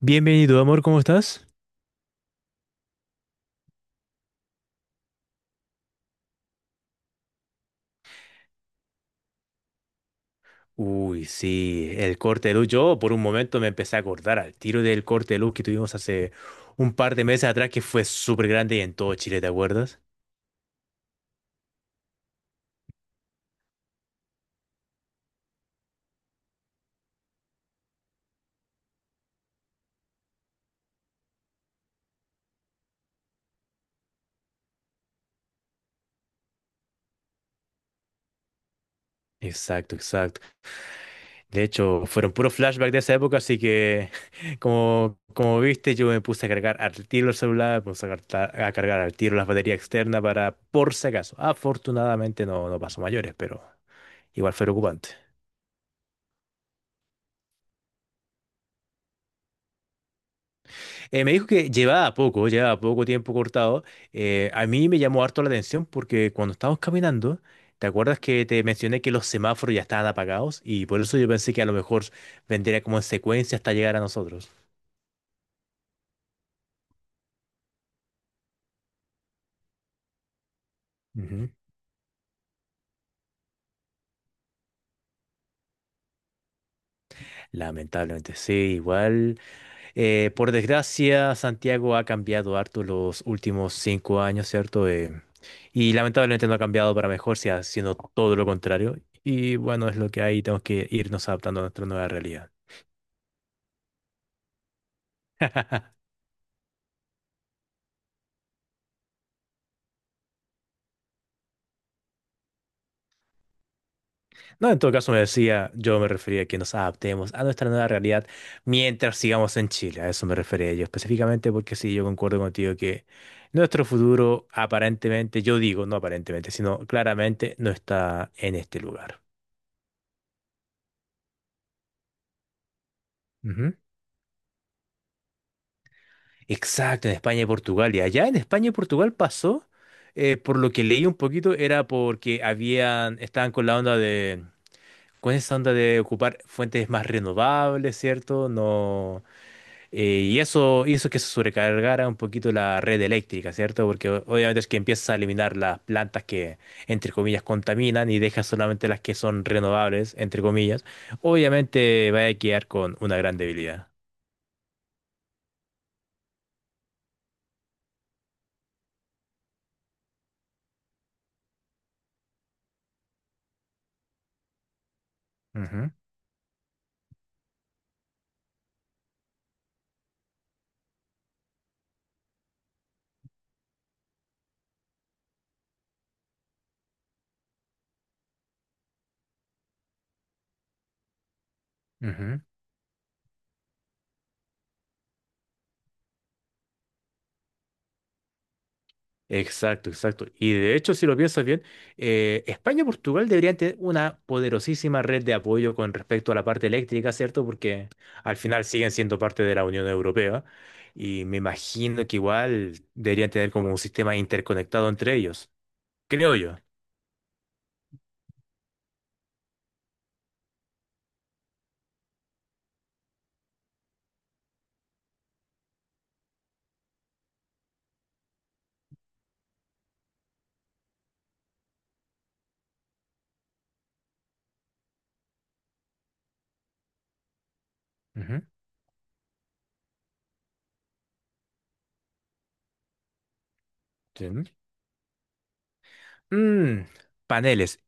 Bienvenido, amor, ¿cómo estás? Uy, sí, el corte de luz. Yo por un momento me empecé a acordar al tiro del corte de luz que tuvimos hace un par de meses atrás, que fue súper grande y en todo Chile, ¿te acuerdas? Exacto, exacto. De hecho, fueron puros flashbacks de esa época, así que como viste, yo me puse a cargar al tiro el celular, me puse a cargar al tiro las baterías externas para por si acaso. Afortunadamente no, no pasó mayores, pero igual fue preocupante. Me dijo que llevaba poco tiempo cortado. A mí me llamó harto la atención porque cuando estábamos caminando, ¿te acuerdas que te mencioné que los semáforos ya estaban apagados? Y por eso yo pensé que a lo mejor vendría como en secuencia hasta llegar a nosotros. Ujú. Lamentablemente, sí, igual. Por desgracia, Santiago ha cambiado harto los últimos 5 años, ¿cierto? Y lamentablemente no ha cambiado para mejor, si haciendo todo lo contrario. Y bueno, es lo que hay, tenemos que irnos adaptando a nuestra nueva realidad. No, en todo caso me decía, yo me refería a que nos adaptemos a nuestra nueva realidad mientras sigamos en Chile. A eso me refería yo específicamente porque sí, yo concuerdo contigo que nuestro futuro aparentemente, yo digo no aparentemente, sino claramente no está en este lugar. Ujú. Exacto, en España y Portugal. Y allá en España y Portugal pasó, por lo que leí un poquito, era porque estaban con con esa onda de ocupar fuentes más renovables, ¿cierto? No. Y eso hizo que se sobrecargara un poquito la red eléctrica, ¿cierto? Porque obviamente es que empiezas a eliminar las plantas que, entre comillas, contaminan y dejas solamente las que son renovables, entre comillas. Obviamente va a quedar con una gran debilidad. Ujú, ujú. Exacto, exacto. Y de hecho, si lo piensas bien, España y Portugal deberían tener una poderosísima red de apoyo con respecto a la parte eléctrica, ¿cierto? Porque al final siguen siendo parte de la Unión Europea y me imagino que igual deberían tener como un sistema interconectado entre ellos, creo yo. Ujú. Sí. ¿No? Mm, Paneles.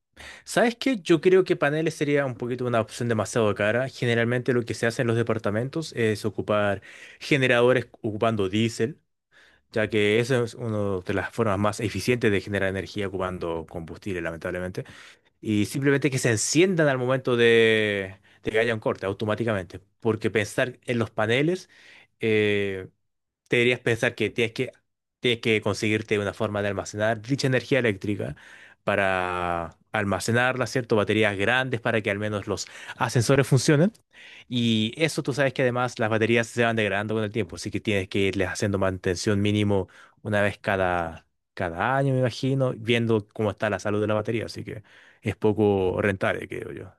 ¿Sabes qué? Yo creo que paneles sería un poquito una opción demasiado cara. Generalmente lo que se hace en los departamentos es ocupar generadores ocupando diésel, ya que esa es una de las formas más eficientes de generar energía ocupando combustible, lamentablemente. Y simplemente que se enciendan al momento de, que haya un corte, automáticamente. Porque pensar en los paneles, eh, deberías pensar que tienes que conseguirte una forma de almacenar dicha energía eléctrica para almacenarla, ¿cierto? Baterías grandes para que al menos los ascensores funcionen. Y eso tú sabes que además las baterías se van degradando con el tiempo, así que tienes que irles haciendo mantención mínimo una vez cada año, me imagino, viendo cómo está la salud de la batería, así que es poco rentable, creo yo.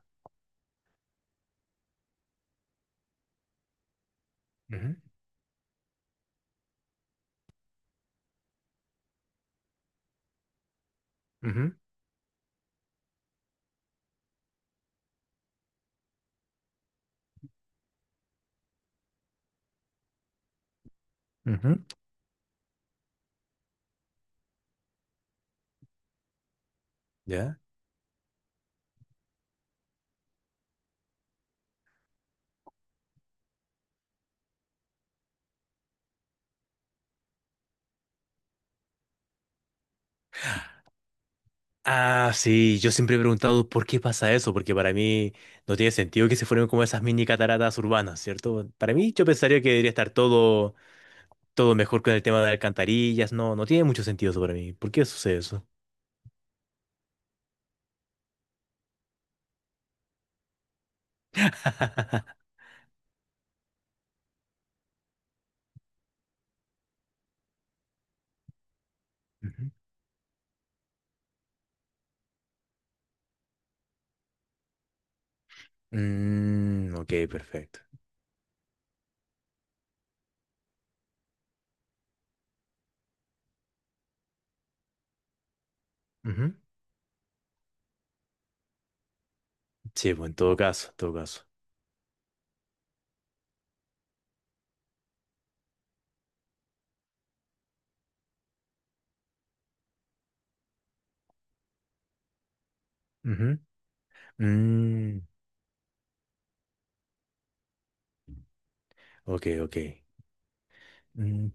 Ujú, ujú, ujú. ¿Ya? Ah, sí, yo siempre he preguntado por qué pasa eso, porque para mí no tiene sentido que se formen como esas mini cataratas urbanas, ¿cierto? Para mí yo pensaría que debería estar todo, todo mejor con el tema de alcantarillas, no, no tiene mucho sentido eso para mí. ¿Por qué sucede eso? Ujú. Mm, ok, perfecto. Ujú. Sí, pues en todo caso, en todo caso. Ujú. Mm, ok, ok. Mm,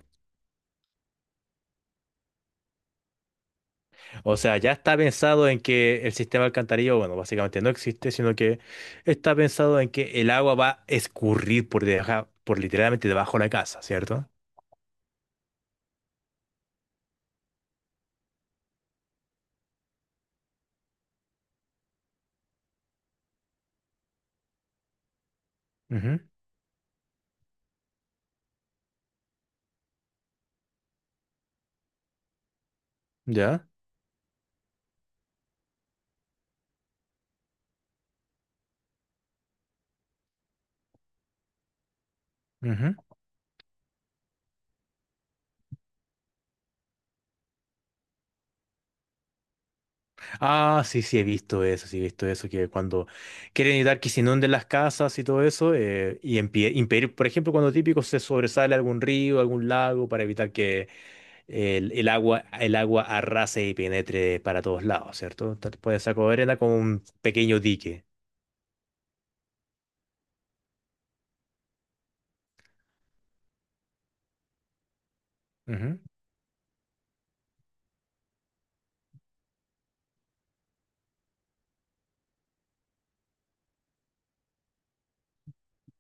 O sea, ya está pensado en que el sistema alcantarillado, bueno, básicamente no existe, sino que está pensado en que el agua va a escurrir por debajo, por literalmente debajo de la casa, ¿cierto? Ujú, ya. Ujú. Ah, sí, sí, he visto eso, sí, he visto eso, que cuando quieren evitar que se inunden las casas y todo eso, y impedir, por ejemplo, cuando típico se sobresale algún río, algún lago, para evitar que el agua arrase y penetre para todos lados, ¿cierto? Puede sacar arena como un pequeño dique. Ujú,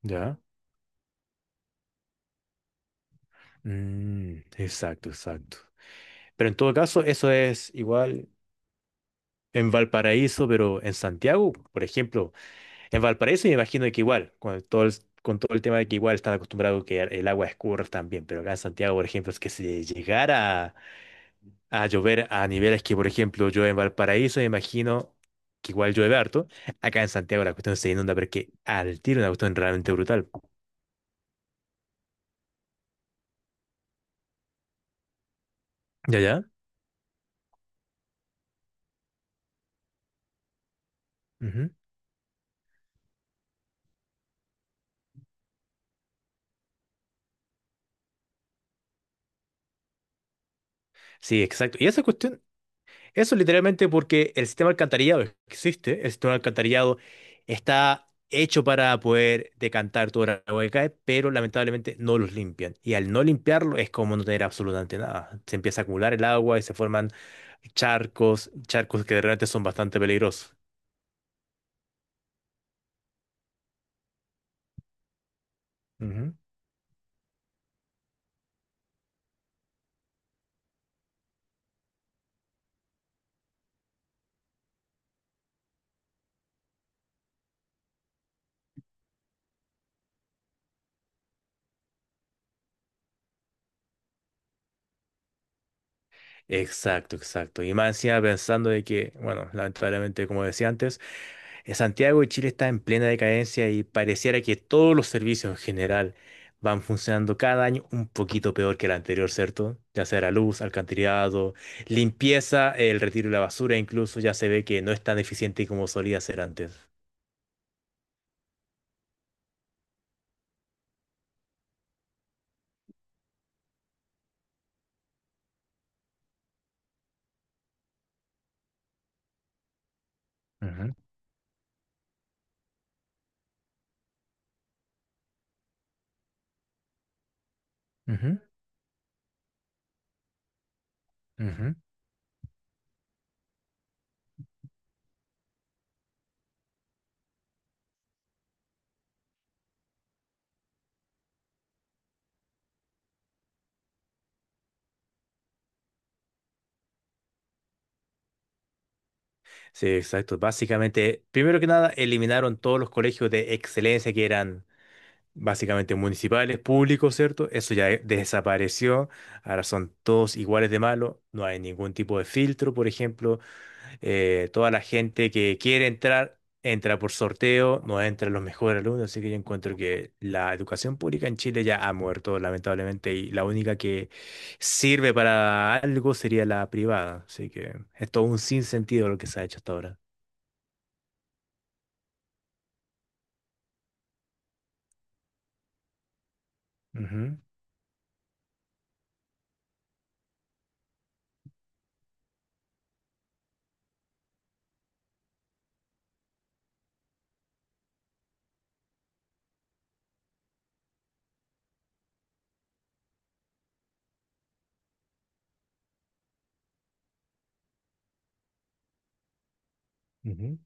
ya. Mm, exacto, exacto. Pero en todo caso, eso es igual en Valparaíso, pero en Santiago, por ejemplo, en Valparaíso me imagino que igual, con todo el tema de que igual están acostumbrados que el agua escurra también, pero acá en Santiago, por ejemplo, es que si llegara a, llover a niveles que, por ejemplo, yo en Valparaíso me imagino que igual llueve harto, acá en Santiago la cuestión se inunda, pero es que al tiro una cuestión realmente brutal. Ya, ya. Ujú. Sí, exacto. Y esa cuestión. Eso literalmente porque el sistema alcantarillado existe, el sistema alcantarillado está hecho para poder decantar toda el agua que cae, pero lamentablemente no los limpian. Y al no limpiarlo es como no tener absolutamente nada. Se empieza a acumular el agua y se forman charcos, charcos que de repente son bastante peligrosos. Ujú. Exacto, exacto. Y más encima pensando de que, bueno, lamentablemente, como decía antes, en Santiago de Chile está en plena decadencia y pareciera que todos los servicios en general van funcionando cada año un poquito peor que el anterior, ¿cierto? Ya sea la luz, alcantarillado, limpieza, el retiro de la basura, incluso ya se ve que no es tan eficiente como solía ser antes. Ujú, ujú, ujú. Sí, exacto. Básicamente, primero que nada, eliminaron todos los colegios de excelencia que eran básicamente municipales, públicos, ¿cierto? Eso ya desapareció, ahora son todos iguales de malos, no hay ningún tipo de filtro, por ejemplo, toda la gente que quiere entrar, entra por sorteo, no entran los mejores alumnos, así que yo encuentro que la educación pública en Chile ya ha muerto, lamentablemente, y la única que sirve para algo sería la privada, así que es todo un sinsentido lo que se ha hecho hasta ahora. Ujú, ujú,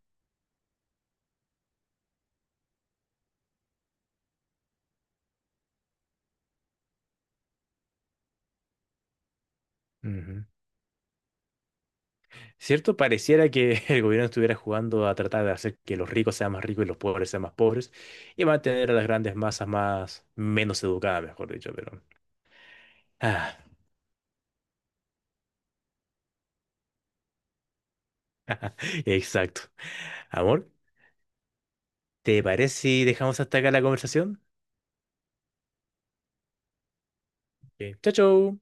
ujú. ¿Cierto? Pareciera que el gobierno estuviera jugando a tratar de hacer que los ricos sean más ricos y los pobres sean más pobres y mantener a las grandes masas más menos educadas, mejor dicho, pero. Ah, exacto. Amor, ¿te parece si dejamos hasta acá la conversación? Ok, chao, chao.